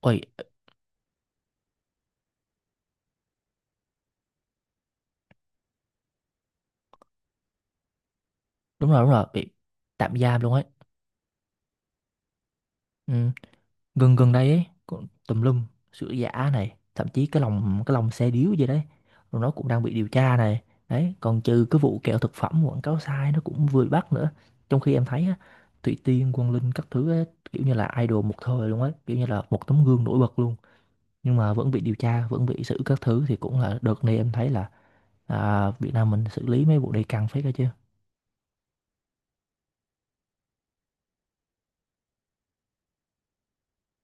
Ôi, đúng rồi, bị tạm giam luôn ấy. Ừ. Gần gần đây ấy, cũng tùm lum, sữa giả này, thậm chí cái lòng xe điếu gì đấy, rồi nó cũng đang bị điều tra này. Đấy, còn trừ cái vụ kẹo thực phẩm quảng cáo sai nó cũng vừa bị bắt nữa. Trong khi em thấy á, Thủy Tiên, Quang Linh các thứ ấy, kiểu như là idol một thời luôn ấy, kiểu như là một tấm gương nổi bật luôn. Nhưng mà vẫn bị điều tra, vẫn bị xử các thứ thì cũng là đợt này em thấy là Việt Nam mình xử lý mấy vụ này căng phết đó chứ.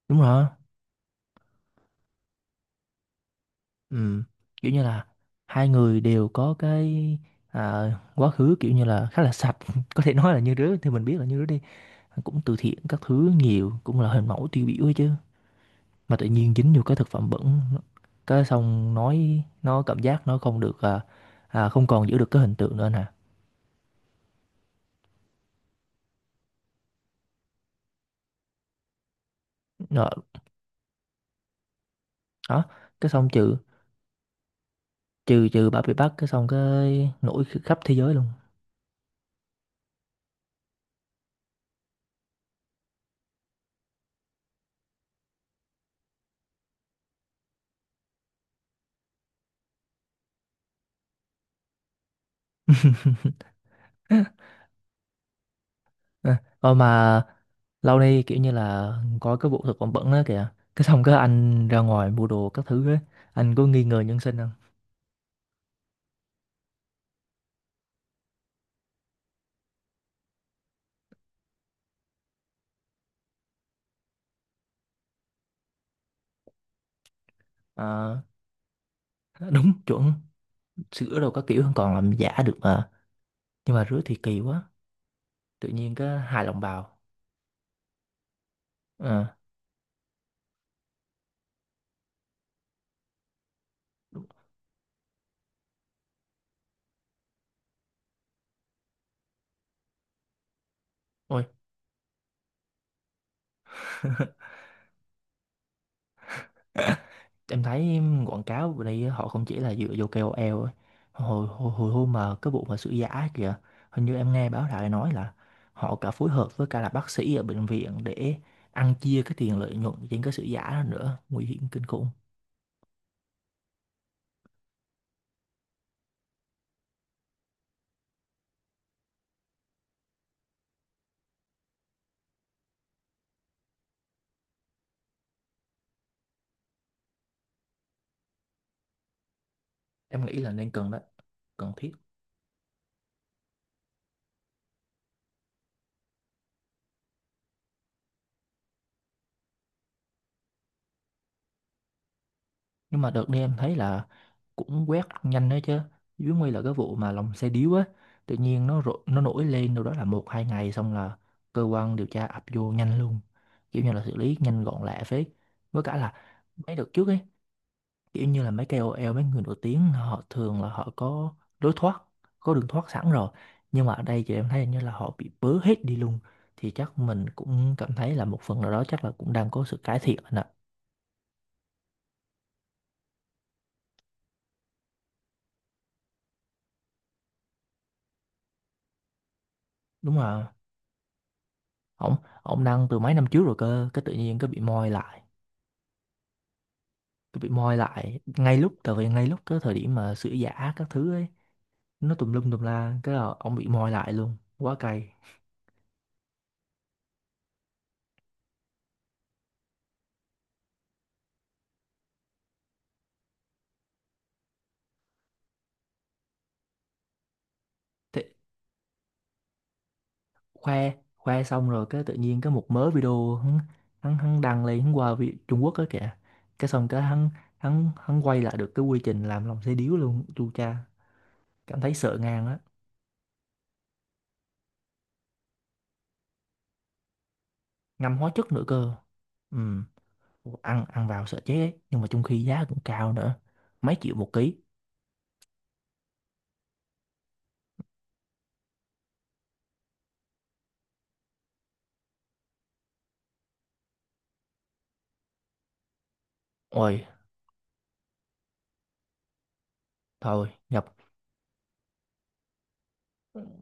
Đúng rồi. Ừ, kiểu như là hai người đều có cái quá khứ kiểu như là khá là sạch, có thể nói là như đứa thì mình biết là như đứa đi cũng từ thiện các thứ nhiều, cũng là hình mẫu tiêu biểu ấy chứ, mà tự nhiên dính vô cái thực phẩm bẩn, cái xong nói nó cảm giác nó không được, không còn giữ được cái hình tượng nữa nè. Đó, đó. Cái xong trừ trừ trừ bà bị bắt cái xong cái nổi khắp thế giới luôn. À, ờ mà lâu nay kiểu như là có cái vụ thực phẩm bẩn đó kìa. Cái xong cái anh ra ngoài mua đồ các thứ á, anh có nghi ngờ nhân sinh không? Ờ, đúng chuẩn, sữa đồ các kiểu còn làm giả được mà. Nhưng mà rứa thì kỳ quá. Tự nhiên cái hài lòng bào. Ờ, đúng. Ôi. Em thấy quảng cáo bên đây họ không chỉ là dựa vô KOL ấy. Hồi hồi hồi hôm mà cái vụ mà sữa giả kìa, hình như em nghe báo đài nói là họ cả phối hợp với cả là bác sĩ ở bệnh viện để ăn chia cái tiền lợi nhuận trên cái sữa giả đó nữa, nguy hiểm kinh khủng. Em nghĩ là nên cần đó, cần thiết. Nhưng mà đợt đi em thấy là cũng quét nhanh đấy chứ, dưới nguy là cái vụ mà lòng xe điếu á, tự nhiên nó rộ, nó nổi lên đâu đó là một hai ngày xong là cơ quan điều tra ập vô nhanh luôn, kiểu như là xử lý nhanh gọn lẹ phết. Với cả là mấy đợt trước ấy, kiểu như là mấy KOL mấy người nổi tiếng họ thường là họ có lối thoát, có đường thoát sẵn rồi, nhưng mà ở đây thì em thấy hình như là họ bị bớ hết đi luôn, thì chắc mình cũng cảm thấy là một phần nào đó chắc là cũng đang có sự cải thiện anh ạ. Đúng rồi. Ổng ổng đăng từ mấy năm trước rồi cơ, cái tự nhiên cái bị moi lại, cái bị moi lại ngay lúc, tại vì ngay lúc cái thời điểm mà sữa giả các thứ ấy nó tùm lum tùm la, cái là ổng bị moi lại luôn, quá cay. Thế khoe khoe xong rồi cái tự nhiên cái một mớ video hắn hắn đăng lên, hắn qua Trung Quốc á kìa, cái xong cái hắn hắn hắn quay lại được cái quy trình làm lòng xe điếu luôn, chu cha cảm thấy sợ ngang á. Ngâm hóa chất nữa cơ. Ừ, ăn ăn vào sợ chết ấy. Nhưng mà trong khi giá cũng cao nữa, mấy triệu một ký. Ôi, thôi, nhập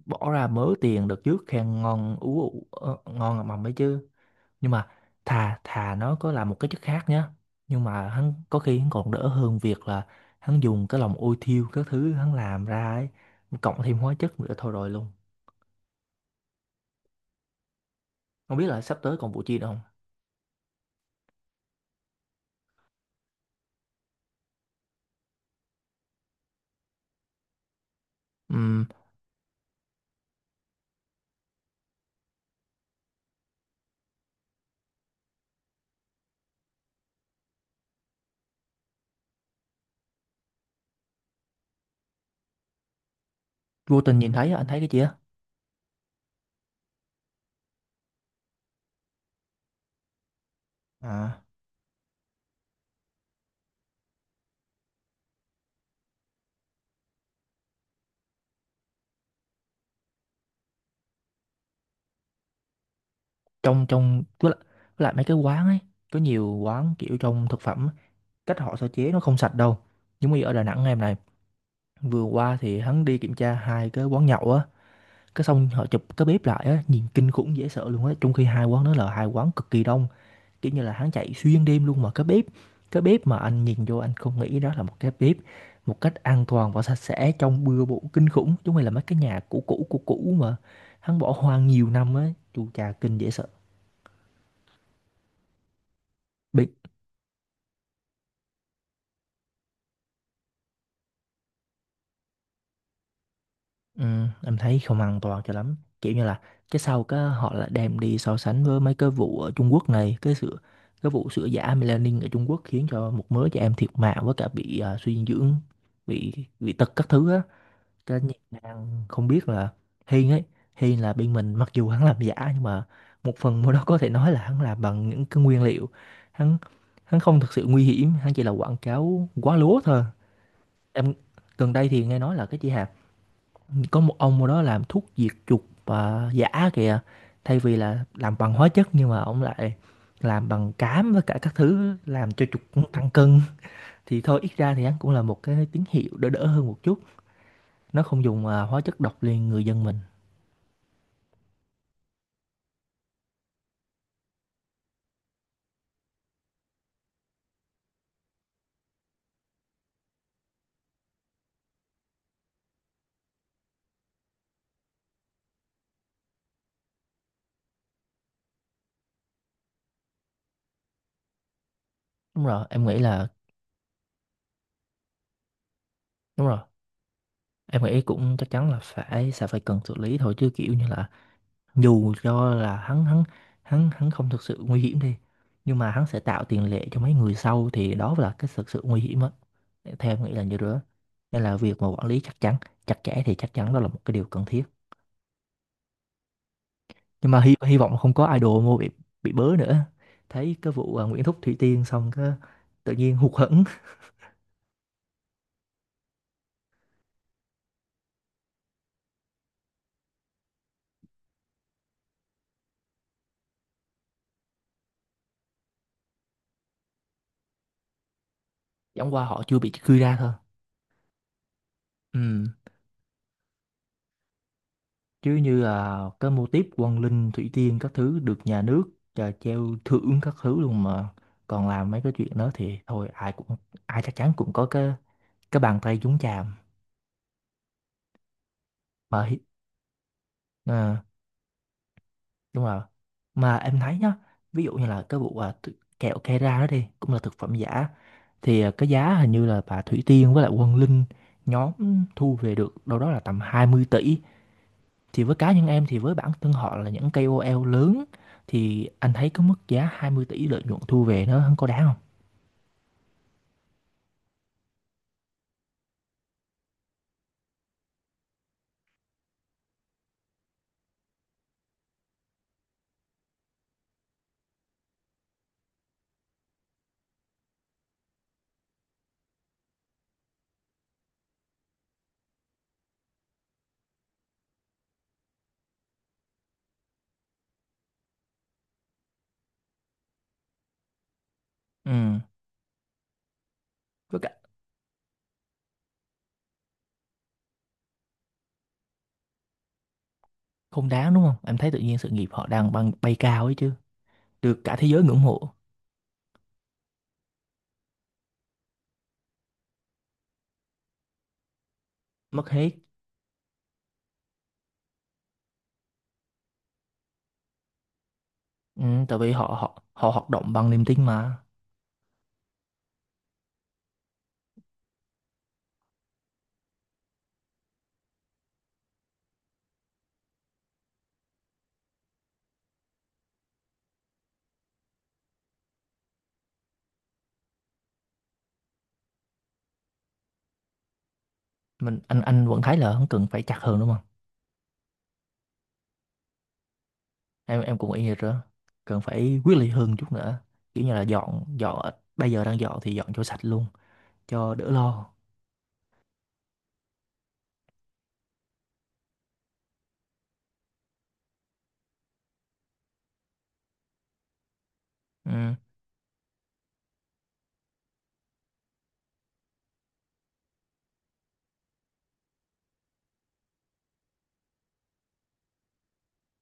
bỏ ra mớ tiền đợt trước khen ngon ú ụ, ờ, ngon ngậm mầm ấy chứ. Nhưng mà thà thà nó có làm một cái chất khác nhá. Nhưng mà hắn có khi hắn còn đỡ hơn việc là hắn dùng cái lòng ôi thiêu các thứ hắn làm ra ấy, cộng thêm hóa chất nữa, thôi rồi luôn. Không biết là sắp tới còn vụ chi nữa không? Ừm, vô tình nhìn thấy á, anh thấy cái gì á? À, trong trong với lại mấy cái quán ấy, có nhiều quán kiểu trong thực phẩm á, cách họ sơ chế nó không sạch đâu. Giống như ở Đà Nẵng em này, vừa qua thì hắn đi kiểm tra hai cái quán nhậu á, cái xong họ chụp cái bếp lại á, nhìn kinh khủng dễ sợ luôn á, trong khi hai quán đó là hai quán cực kỳ đông, kiểu như là hắn chạy xuyên đêm luôn, mà cái bếp mà anh nhìn vô anh không nghĩ đó là một cái bếp một cách an toàn và sạch sẽ, trong bừa bộn kinh khủng, chúng mày là mấy cái nhà cũ cũ cũ cũ mà hắn bỏ hoang nhiều năm á, chu cha kinh dễ sợ. Ừ, em thấy không an toàn cho lắm, kiểu như là cái sau cái họ lại đem đi so sánh với mấy cái vụ ở Trung Quốc này, cái sự, cái vụ sữa giả melanin ở Trung Quốc khiến cho một mớ trẻ em thiệt mạng với cả bị suy dinh dưỡng, bị bị tật các thứ á, cái nhị đang không biết là Hiên ấy, Hiên là bên mình mặc dù hắn làm giả nhưng mà một phần mua đó có thể nói là hắn làm bằng những cái nguyên liệu, hắn hắn không thực sự nguy hiểm, hắn chỉ là quảng cáo quá lố thôi. Em gần đây thì nghe nói là cái chị Hà có một ông ở đó làm thuốc diệt chuột và giả kìa. Thay vì là làm bằng hóa chất nhưng mà ông lại làm bằng cám với cả các thứ làm cho chuột cũng tăng cân. Thì thôi ít ra thì hắn cũng là một cái tín hiệu đỡ đỡ hơn một chút. Nó không dùng hóa chất độc lên người dân mình. Đúng rồi, em nghĩ là đúng rồi. Em nghĩ cũng chắc chắn là phải sẽ phải cần xử lý thôi, chứ kiểu như là dù cho là hắn hắn hắn hắn không thực sự nguy hiểm đi, nhưng mà hắn sẽ tạo tiền lệ cho mấy người sau thì đó là cái thực sự nguy hiểm á, theo em nghĩ là như đó. Nên là việc mà quản lý chắc chắn chặt chẽ thì chắc chắn đó là một cái điều cần thiết. Nhưng mà hy vọng không có idol mua bị bớ nữa. Thấy cái vụ Nguyễn Thúc Thủy Tiên xong cái tự nhiên hụt hẫng. Chẳng qua họ chưa bị truy ra thôi. Ừ, chứ như là cái mô típ Quang Linh Thủy Tiên các thứ được nhà nước trà treo thưởng các thứ luôn mà còn làm mấy cái chuyện đó thì thôi ai cũng, ai chắc chắn cũng có cái bàn tay nhúng chàm. mà hi- ờ, Đúng rồi. Mà em thấy nhá, ví dụ như là cái vụ kẹo Kera đó đi, cũng là thực phẩm giả, thì à, cái giá hình như là bà Thủy Tiên với lại Quang Linh nhóm thu về được đâu đó là tầm 20 tỷ. Thì với cá nhân em thì với bản thân họ là những KOL lớn, thì anh thấy cái mức giá 20 tỷ lợi nhuận thu về nó không có đáng không? Ừ, với cả không đáng đúng không? Em thấy tự nhiên sự nghiệp họ đang băng bay cao ấy chứ, được cả thế giới ngưỡng mộ, mất hết. Ừ, tại vì họ họ họ hoạt động bằng niềm tin mà. Mình anh vẫn thấy là không cần phải chặt hơn đúng không? Em cũng y như đó. Cần phải quyết liệt hơn chút nữa. Kiểu như là dọn dọn bây giờ đang dọn thì dọn cho sạch luôn cho đỡ lo. Ừ.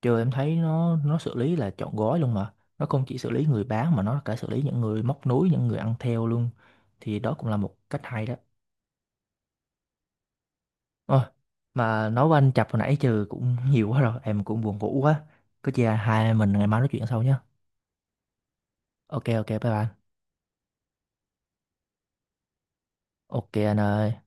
Chưa em thấy nó xử lý là trọn gói luôn mà. Nó không chỉ xử lý người bán mà nó cả xử lý những người móc nối, những người ăn theo luôn. Thì đó cũng là một cách hay đó. Ôi, mà nói với anh Chập hồi nãy trừ cũng nhiều quá rồi, em cũng buồn ngủ quá. Có chi hai anh em mình ngày mai nói chuyện sau nhé. Ok ok bye bye. Ok anh ơi.